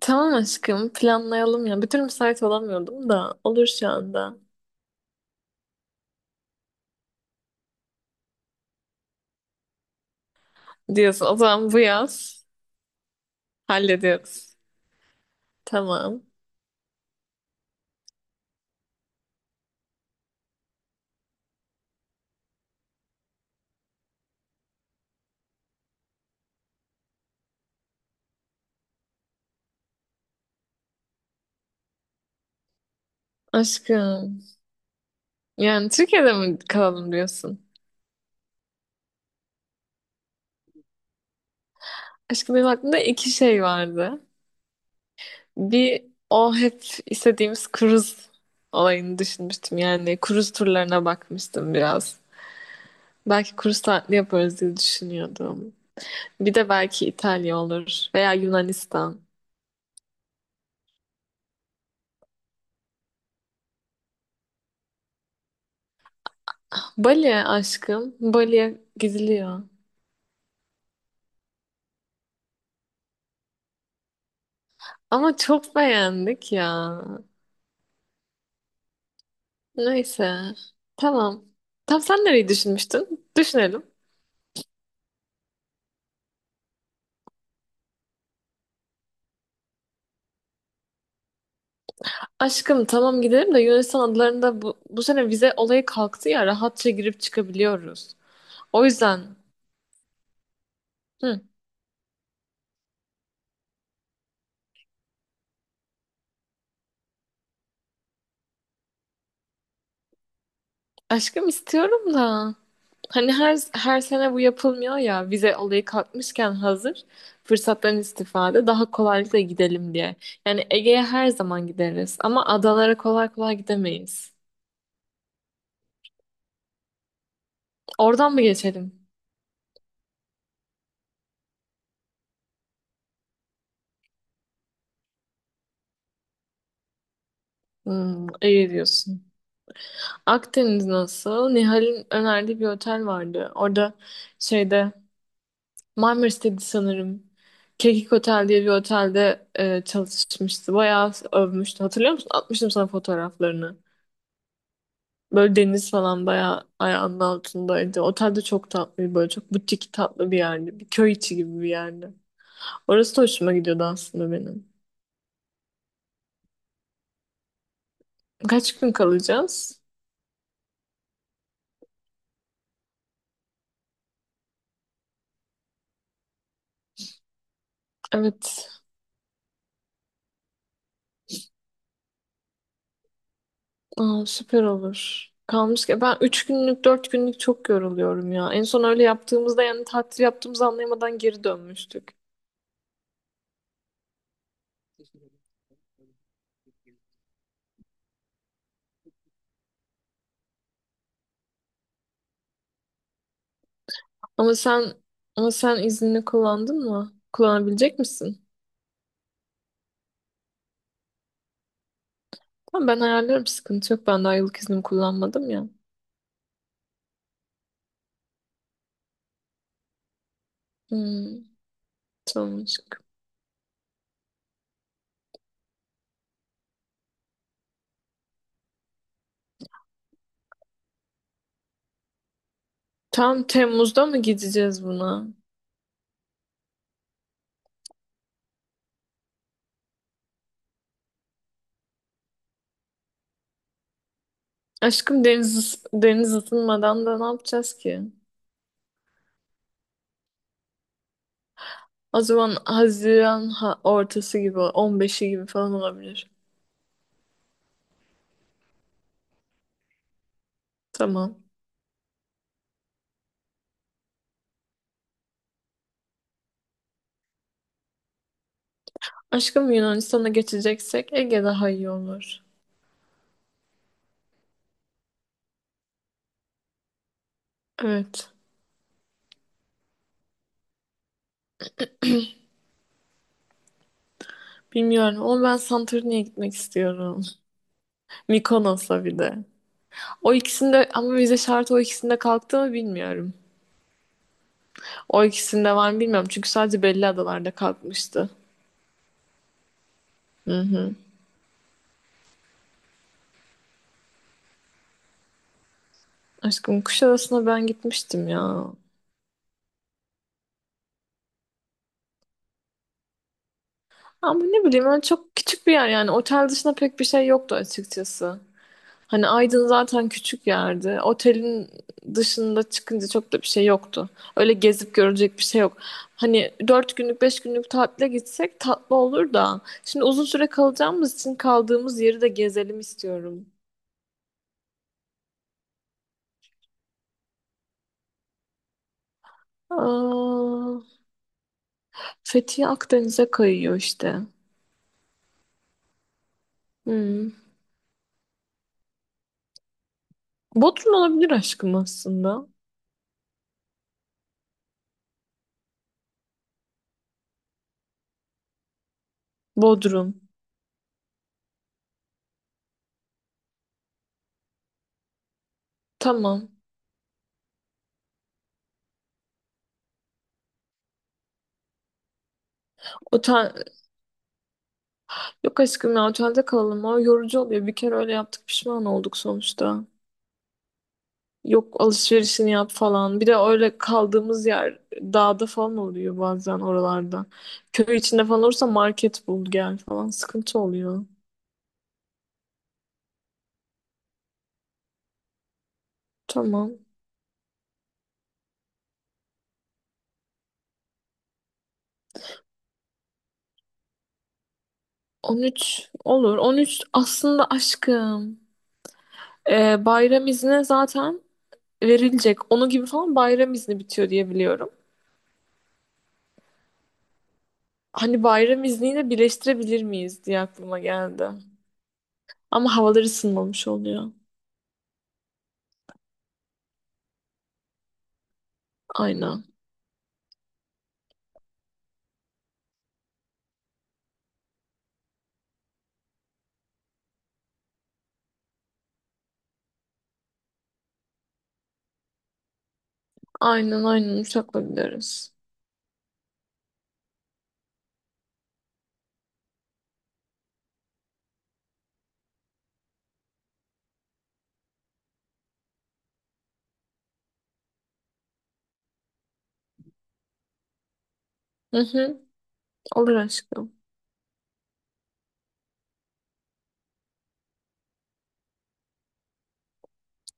Tamam aşkım planlayalım ya. Bir türlü müsait olamıyordum da olur şu anda. Diyorsun o zaman bu yaz hallediyoruz. Tamam. Aşkım yani Türkiye'de mi kalalım diyorsun? Aşkım benim aklımda iki şey vardı. Bir o hep istediğimiz kruz olayını düşünmüştüm. Yani kruz turlarına bakmıştım biraz. Belki kruz tatili yaparız diye düşünüyordum. Bir de belki İtalya olur veya Yunanistan. Bali aşkım. Bali'ye gidiliyor. Ama çok beğendik ya. Neyse. Tamam. Tam sen nereyi düşünmüştün? Düşünelim. Aşkım tamam gidelim de Yunanistan adalarında bu sene vize olayı kalktı ya rahatça girip çıkabiliyoruz. O yüzden hı, aşkım istiyorum da hani her sene bu yapılmıyor ya vize olayı kalkmışken hazır fırsattan istifade daha kolaylıkla gidelim diye. Yani Ege'ye her zaman gideriz ama adalara kolay kolay gidemeyiz. Oradan mı geçelim? Hmm, iyi diyorsun. Akdeniz nasıl? Nihal'in önerdiği bir otel vardı. Orada şeyde Marmaris'teydi sanırım. Kekik Otel diye bir otelde çalışmıştı. Bayağı övmüştü. Hatırlıyor musun? Atmıştım sana fotoğraflarını. Böyle deniz falan bayağı ayağının altındaydı. Otel de çok tatlı, böyle çok butik tatlı bir yerdi. Bir köy içi gibi bir yerdi. Orası da hoşuma gidiyordu aslında benim. Kaç gün kalacağız? Evet. Aa, süper olur. Kalmış ki ben 3 günlük 4 günlük çok yoruluyorum ya. En son öyle yaptığımızda yani tatil yaptığımızı anlayamadan geri dönmüştük. Ama sen ama sen iznini kullandın mı? Kullanabilecek misin? Tamam ben ayarlarım sıkıntı yok. Ben daha yıllık iznimi kullanmadım ya. Hmm, tamam aşkım. Tam Temmuz'da mı gideceğiz buna? Aşkım deniz ısınmadan da ne yapacağız ki? O zaman Haziran ortası gibi on beşi gibi falan olabilir. Tamam. Aşkım Yunanistan'a geçeceksek Ege daha iyi olur. Evet. Bilmiyorum ama ben Santorini'ye gitmek istiyorum. Mikonos'a bir de. O ikisinde ama vize şartı o ikisinde kalktı mı bilmiyorum. O ikisinde var mı bilmiyorum. Çünkü sadece belli adalarda kalkmıştı. Aşkım Kuşadası'na ben gitmiştim ya. Ama ne bileyim ben çok küçük bir yer yani. Otel dışında pek bir şey yoktu açıkçası. Hani Aydın zaten küçük yerdi. Otelin dışında çıkınca çok da bir şey yoktu. Öyle gezip görecek bir şey yok. Hani dört günlük beş günlük tatile gitsek tatlı olur da. Şimdi uzun süre kalacağımız için kaldığımız yeri de gezelim istiyorum. Aa, Fethiye Akdeniz'e kayıyor işte. Hmm. Bodrum olabilir aşkım aslında. Bodrum. Tamam. Otel... Yok aşkım ya otelde kalalım. O yorucu oluyor. Bir kere öyle yaptık pişman olduk sonuçta. Yok alışverişini yap falan. Bir de öyle kaldığımız yer dağda falan oluyor bazen oralarda. Köy içinde falan olursa market bul gel falan sıkıntı oluyor. Tamam. 13 olur. 13 aslında aşkım. Bayram izni zaten verilecek. Onu gibi falan bayram izni bitiyor diye biliyorum. Hani bayram izniyle birleştirebilir miyiz diye aklıma geldi. Ama havalar ısınmamış oluyor. Aynen. Aynen aynen uçakla gideriz. Hı hı, olur aşkım.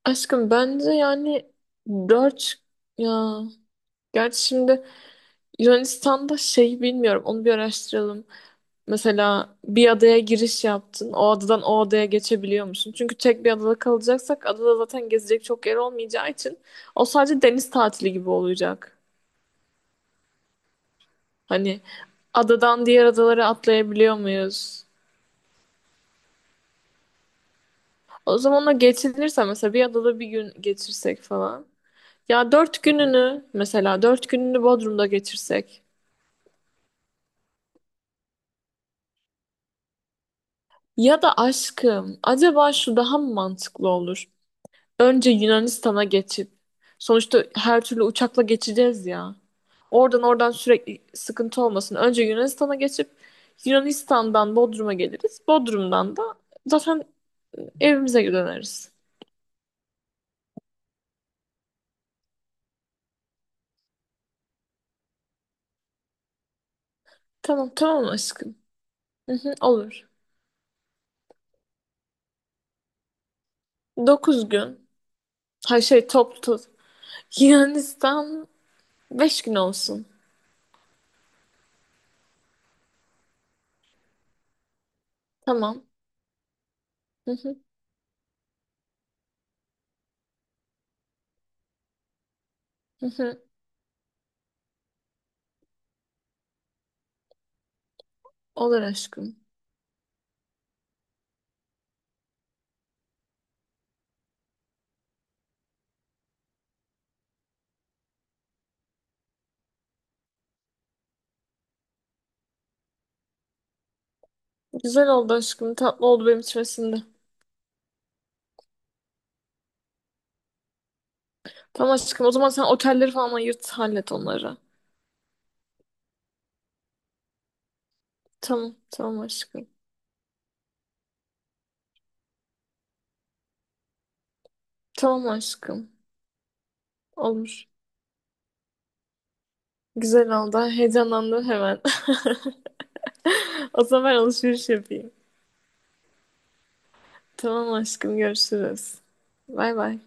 Aşkım bence yani dört ya gerçi şimdi Yunanistan'da şey bilmiyorum onu bir araştıralım. Mesela bir adaya giriş yaptın. O adadan o adaya geçebiliyor musun? Çünkü tek bir adada kalacaksak adada zaten gezecek çok yer olmayacağı için o sadece deniz tatili gibi olacak. Hani adadan diğer adalara atlayabiliyor muyuz? O zaman o geçinirse mesela bir adada bir gün geçirsek falan. Ya dört gününü mesela dört gününü Bodrum'da geçirsek. Ya da aşkım acaba şu daha mı mantıklı olur? Önce Yunanistan'a geçip sonuçta her türlü uçakla geçeceğiz ya. Oradan sürekli sıkıntı olmasın. Önce Yunanistan'a geçip Yunanistan'dan Bodrum'a geliriz. Bodrum'dan da zaten evimize döneriz. Tamam tamam aşkım. Hı hı, olur. 9 gün. Hayır şey toplu. Yunanistan 5 gün olsun. Tamam. Hı hı, hı hı. Olur aşkım. Güzel oldu aşkım. Tatlı oldu benim içime sindi. Tamam aşkım. O zaman sen otelleri falan ayırt hallet onları. Tamam. Tamam aşkım. Tamam aşkım. Olur. Güzel oldu. Heyecanlandım hemen. O zaman ben alışveriş yapayım. Tamam aşkım. Görüşürüz. Bay bay.